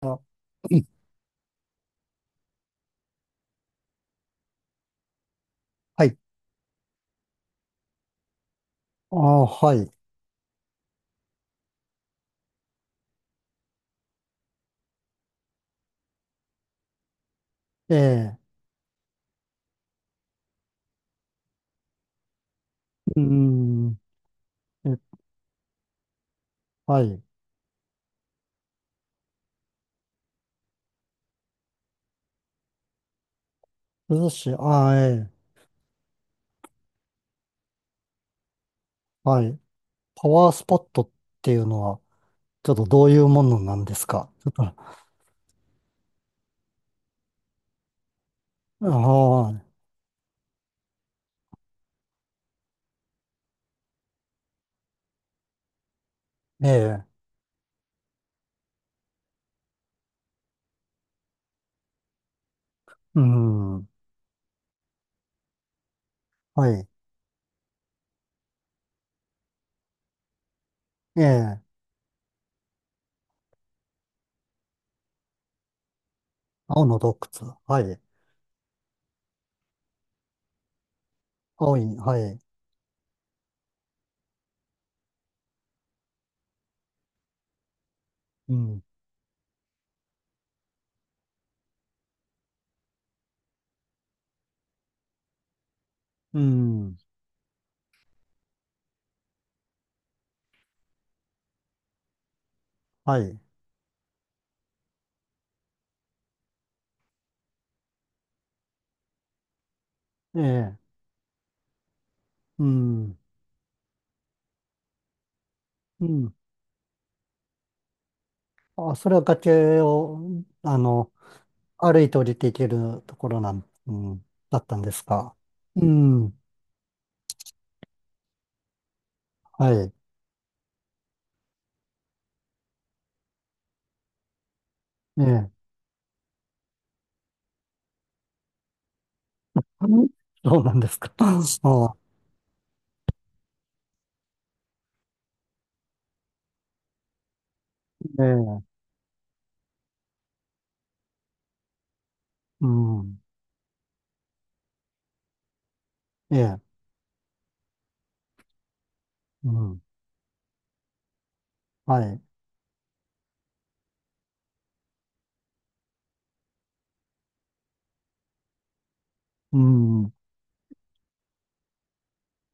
あ、うんはい。ああ、はい。ええ、うーん、え、はい。涼しい、ああ、ええ、はい。パワースポットっていうのは、ちょっとどういうものなんですか、ちょっと、ああ、ええ、うーん、はい。ええ、青の洞窟、はい。青い、はい。うん、うん、はい。ええ、うん、うん。あ、それは崖を、あの、歩いて降りていけるところなん、うん、だったんですか？うん。はい。ええ。う、そうなんですか。ああ、ええ。うん。ええ。うん。はい。うん。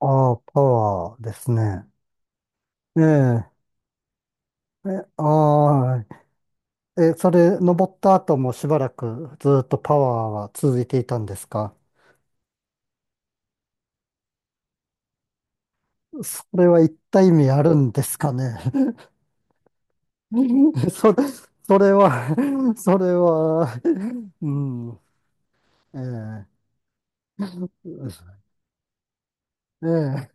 ああ、パワーですね。ええ。え、ああ、え、それ、登った後もしばらくずっとパワーは続いていたんですか？それは一体意味あるんですかね？ それ、それはそれはうん。ええ。ええ。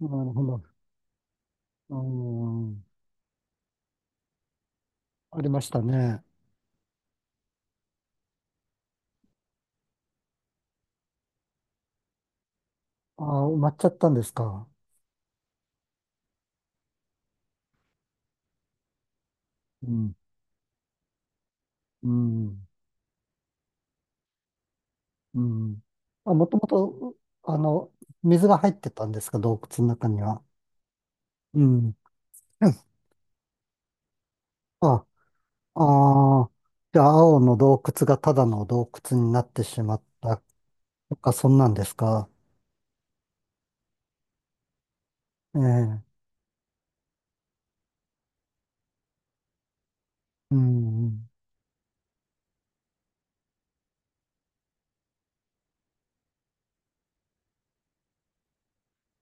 なるほど。うん、ありましたね。ああ、埋まっちゃったんですか。うん、うん、うん。あ、もともと、あの、水が入ってたんですか、洞窟の中には。うん。あ、ああ、じゃあ、青の洞窟がただの洞窟になってしまったとか、そんなんですか。ええ、うん、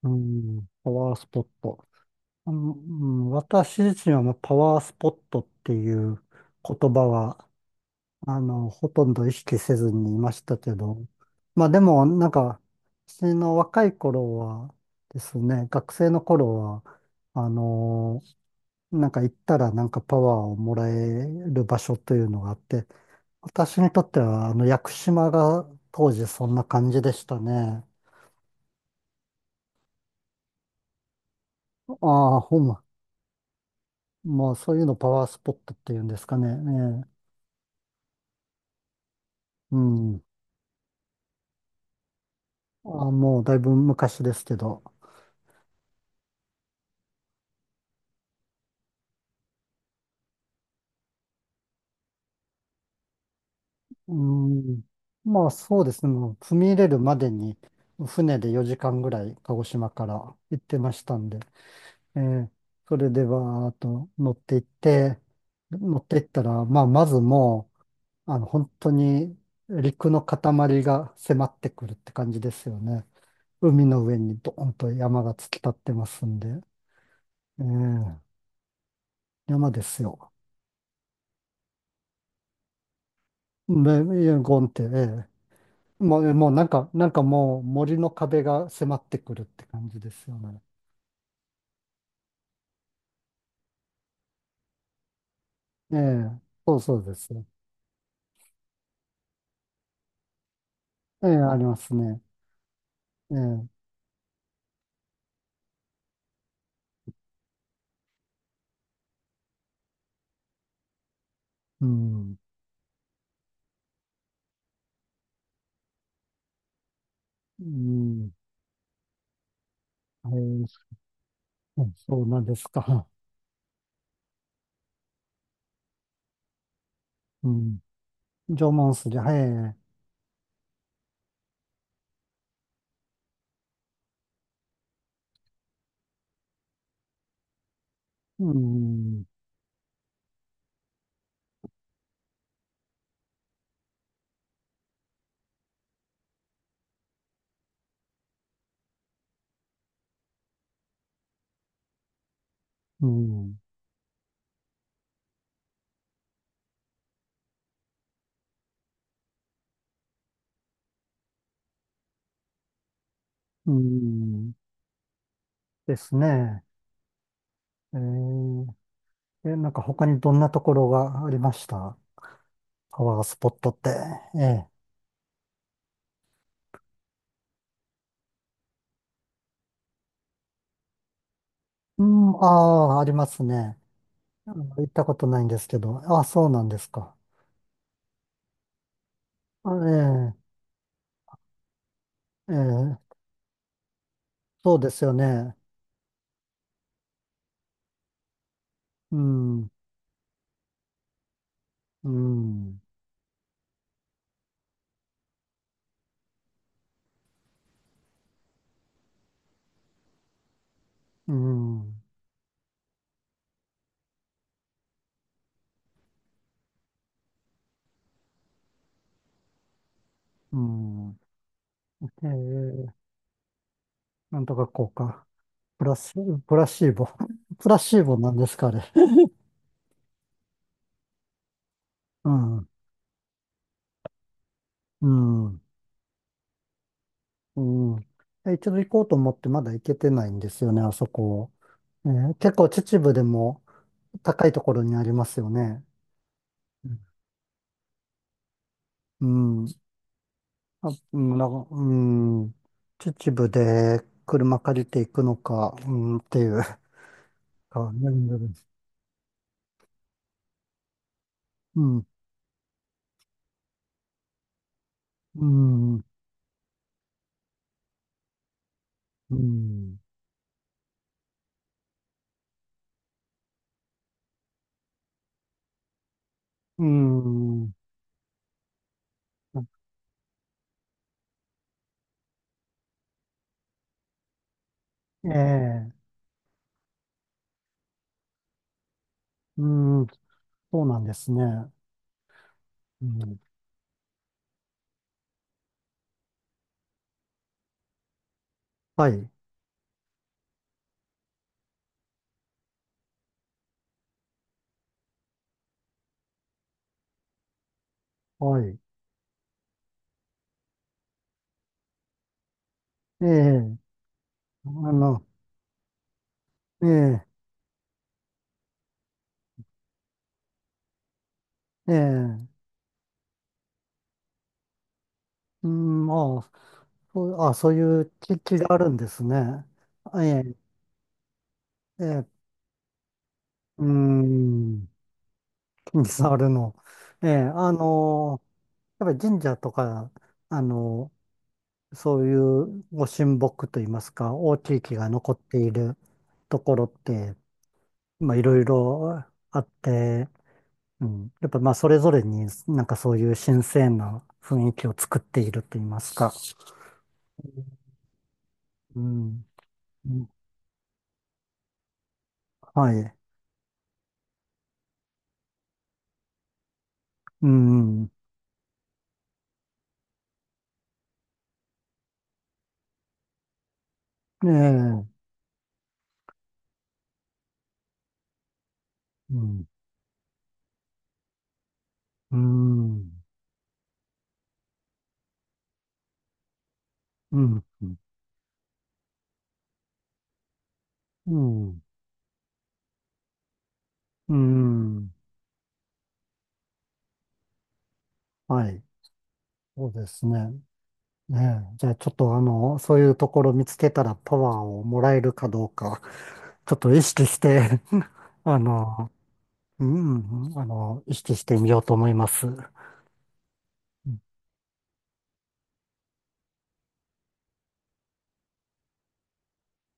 うん、パワースポット。うん、うん、私自身はもうパワースポットっていう言葉は、あの、ほとんど意識せずにいましたけど、まあでも、なんか、私の若い頃はですね、学生の頃は、あの、なんか行ったらなんかパワーをもらえる場所というのがあって、私にとっては、あの、屋久島が当時そんな感じでしたね。ああ、ほんま、もうそういうのパワースポットっていうんですかね。ええ、うん。ああ、もうだいぶ昔ですけど。うん。まあそうですね。もう踏み入れるまでに船で4時間ぐらい鹿児島から行ってましたんで、えー、それではーっと乗っていって、乗っていったら、まあまずもう、あの本当に陸の塊が迫ってくるって感じですよね。海の上にドーンと山が突き立ってますんで、ええ、山ですよ。で、ゴンって、ええ、もう、もうなんか、なんかもう森の壁が迫ってくるって感じですよね。ええ、そうそうです。ええ、ありますね。ええ、うん、うん、はい、そうそうなんですか。うん、縄文筋、はい、うん、うん、うん、ですね。ええ、え、なんか他にどんなところがありました？パワースポットって。ええ、うん、ああ、ありますね。あの行ったことないんですけど、ああ、そうなんですか。あ、ええ、ええ、そうですよね。うん、うん、うん、うん。ええ、なんとか効果。プラス、プラシーボ。プラシーボなんですか、あれ。うん、うん、うん。え、一度行こうと思ってまだ行けてないんですよね、あそこ。ええ、結構秩父でも高いところにありますよね。うん。あ、うんなんか、うん。秩父で車借りていくのか、うん、っていう。か、なるなる。うん、うん、うん、うん。ええ、うん、そうなんですね。うん、はい、はい。ええ、あの、ええ、ええ、うん、まあ、そう、あ、そういう気、気があるんですね。ええ、ええ、うん、気に障るの。ええ、あの、やっぱり神社とか、あの、そういうご神木といいますか、大きい木が残っているところって、まあ、いろいろあって、うん、やっぱまあ、それぞれになんかそういう新鮮な雰囲気を作っていると言いますか。うん、うんはい。うん、ねえ、うん、うん、うん、うん、うん、はい。そうですね。ねえ、じゃあちょっとあの、そういうところ見つけたらパワーをもらえるかどうか、ちょっと意識して、あの、うん、あの、意識してみようと思います。う